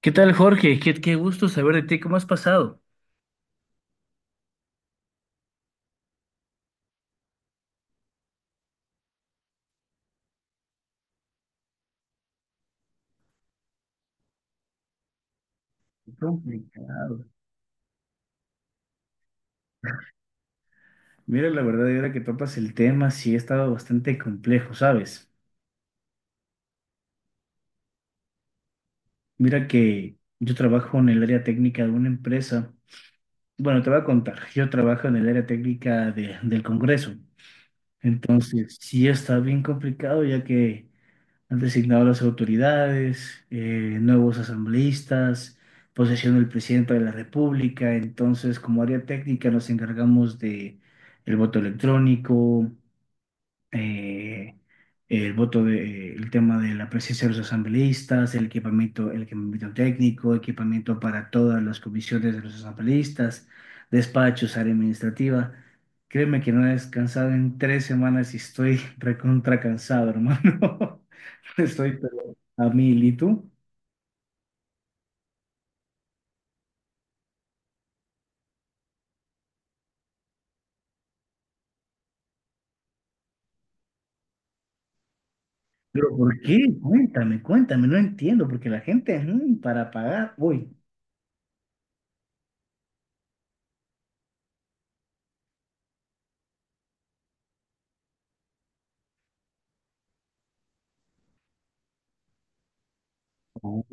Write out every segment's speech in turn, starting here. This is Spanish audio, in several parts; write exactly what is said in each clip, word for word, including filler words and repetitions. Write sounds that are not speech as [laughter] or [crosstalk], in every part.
¿Qué tal, Jorge? Qué, qué gusto saber de ti. ¿Cómo has pasado? Qué complicado. Mira, la verdad, y ahora que topas el tema, sí ha estado bastante complejo, ¿sabes? Mira que yo trabajo en el área técnica de una empresa. Bueno, te voy a contar, yo trabajo en el área técnica de- del Congreso. Entonces, sí está bien complicado, ya que han designado a las autoridades, eh, nuevos asambleístas, posesión del presidente de la República. Entonces, como área técnica, nos encargamos de el voto electrónico, eh, el voto de, el tema de la presencia de los asambleístas, el equipamiento, el equipamiento técnico, equipamiento para todas las comisiones de los asambleístas, despachos, área administrativa. Créeme que no he descansado en tres semanas y estoy [laughs] recontra cansado, hermano. [laughs] Estoy pero a mil, ¿y tú? Pero ¿por qué? Cuéntame, cuéntame, no entiendo, porque la gente, mm, para pagar, uy. Oh.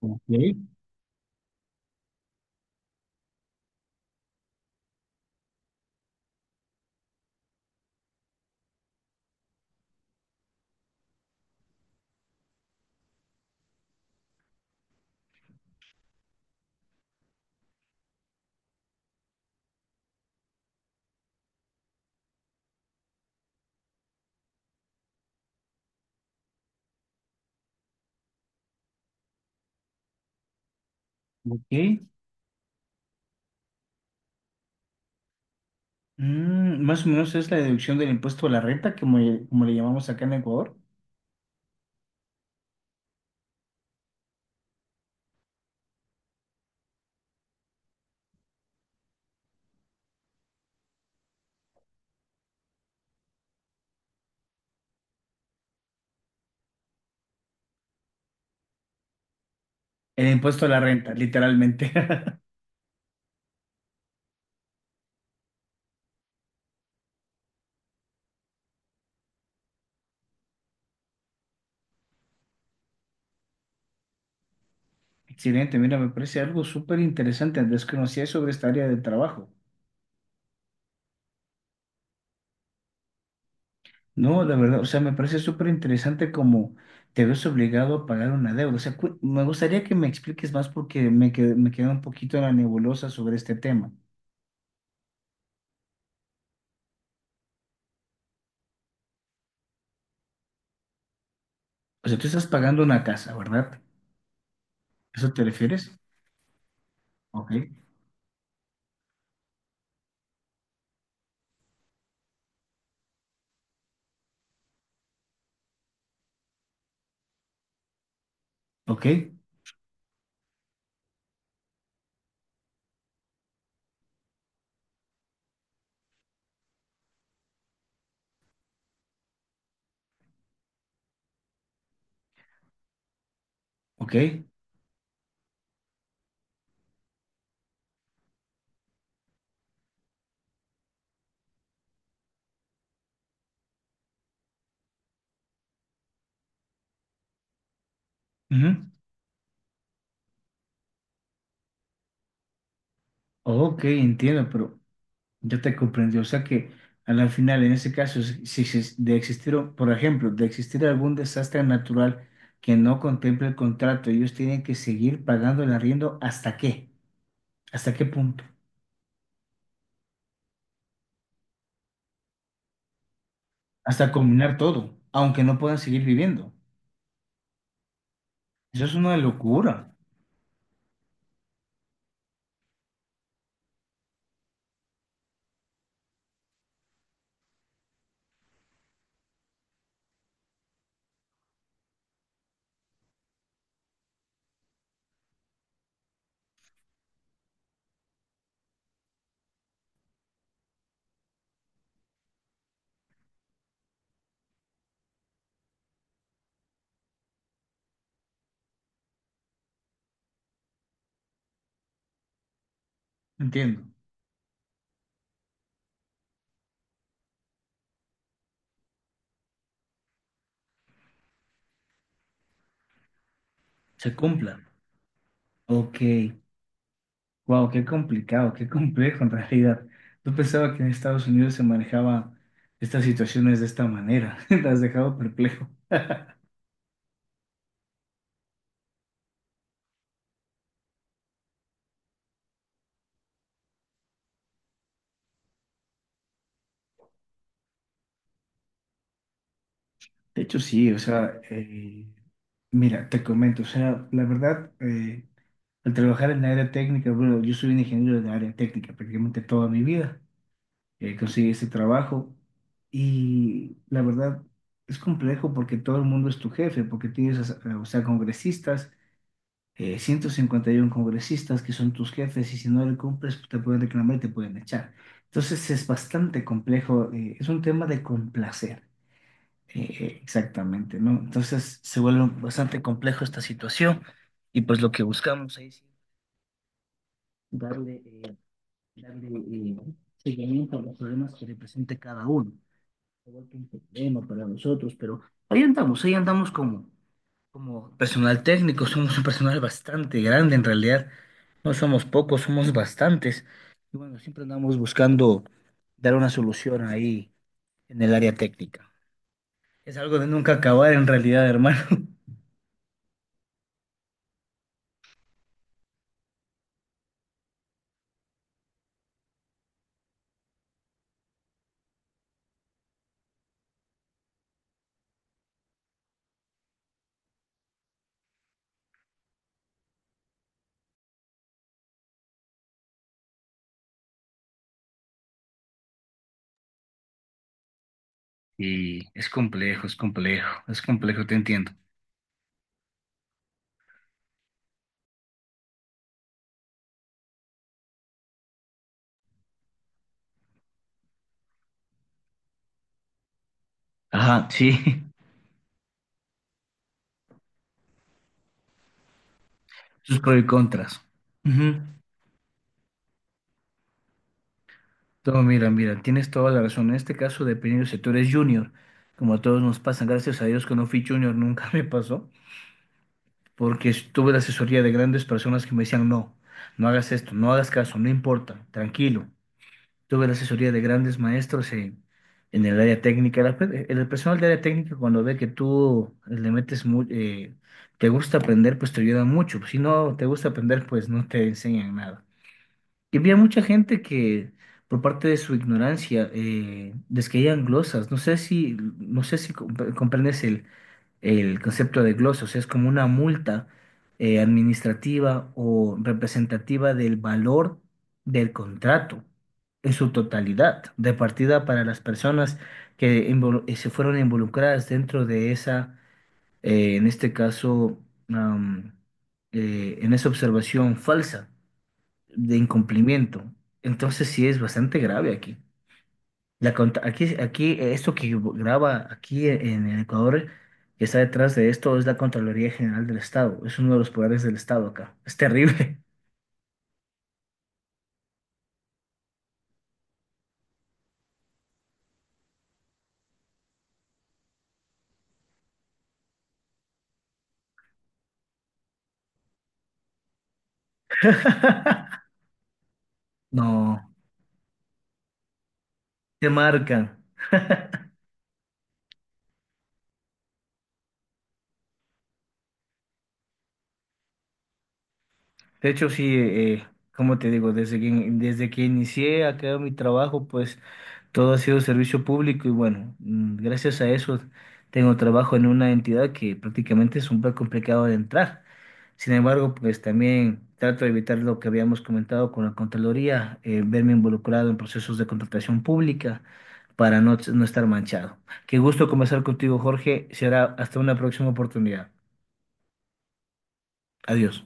Ok, ok. Mm, más o menos es la deducción del impuesto a la renta, como, como le llamamos acá en Ecuador. El impuesto a la renta, literalmente. [laughs] Excelente, mira, me parece algo súper interesante. Desconocía sobre esta área de trabajo. No, la verdad, o sea, me parece súper interesante como te ves obligado a pagar una deuda. O sea, cu- me gustaría que me expliques más porque me quedé, me queda un poquito en la nebulosa sobre este tema. O sea, tú estás pagando una casa, ¿verdad? ¿Eso te refieres? Ok, ok, ok. Ujú. Ok, entiendo, pero ya te comprendí. O sea que a la final, en ese caso, si, si- si de existir, un- por ejemplo, de existir algún desastre natural que no contemple el contrato, ellos tienen que seguir pagando el arriendo hasta qué, hasta qué punto, hasta combinar todo, aunque no puedan seguir viviendo. Eso es una locura. Entiendo. Se cumpla. Ok, wow, qué complicado, qué complejo en realidad. Yo pensaba que en Estados Unidos se manejaba estas situaciones de esta manera. [laughs] Te has dejado perplejo. De hecho, sí, o sea, eh, mira, te comento, o sea, la verdad, eh, al trabajar en la área técnica, bueno, yo soy un ingeniero de la área técnica prácticamente toda mi vida, eh, conseguí ese trabajo y la verdad es complejo porque todo el mundo es tu jefe, porque tienes, a- o sea, congresistas, eh, ciento cincuenta y uno congresistas que son tus jefes y si no le cumples te pueden reclamar y te pueden echar. Entonces es bastante complejo, eh, es un tema de complacer. Eh, exactamente, ¿no? Entonces se vuelve bastante complejo esta situación y pues lo que buscamos ahí sí, darle, eh, darle eh, seguimiento a los problemas que represente cada uno. Se vuelve un problema para nosotros, pero ahí andamos, ahí andamos como, como personal técnico, somos un personal bastante grande en realidad, no somos pocos, somos bastantes. Y bueno, siempre andamos buscando dar una solución ahí en el área técnica. Es algo de nunca acabar en realidad, hermano. [laughs] Y es complejo, es complejo, es complejo, te entiendo. Ajá, sí, [laughs] sus pros y contras. Ujú. Todo, mira, mira, tienes toda la razón. En este caso, dependiendo si tú eres junior, como a todos nos pasan, gracias a Dios que no fui junior, nunca [laughs] me pasó, porque tuve la asesoría de grandes personas que me decían, no, no hagas esto, no hagas caso, no importa, tranquilo. Tuve la asesoría de grandes maestros en, en el área técnica. La pe- el personal de área técnica, cuando ve que tú le metes mu- eh, te gusta aprender, pues te ayuda mucho. Si no te gusta aprender, pues no te enseñan nada. Y había mucha gente que, por parte de su ignorancia, eh, les caían glosas. No sé si, no sé si comp- comprendes el concepto de glosa, o sea, es como una multa eh, administrativa o representativa del valor del contrato en su totalidad, repartida para las personas que involu- eh, se fueron involucradas dentro de esa, eh, en este caso, am, eh, en esa observación falsa de incumplimiento. Entonces sí es bastante grave aquí. La conta- aquí, aquí, eh, esto que graba aquí en en Ecuador, que está detrás de esto, es la Contraloría General del Estado. Es uno de los poderes del Estado acá. Es terrible. [laughs] No, te marcan. De hecho, sí, eh, como te digo, desde que, desde que inicié acá mi trabajo, pues todo ha sido servicio público y bueno, mm, gracias a eso tengo trabajo en una entidad que prácticamente es un poco complicado de entrar. Sin embargo, pues también trato de evitar lo que habíamos comentado con la Contraloría, eh, verme involucrado en procesos de contratación pública para no, no estar manchado. Qué gusto conversar contigo, Jorge. Será hasta una próxima oportunidad. Adiós.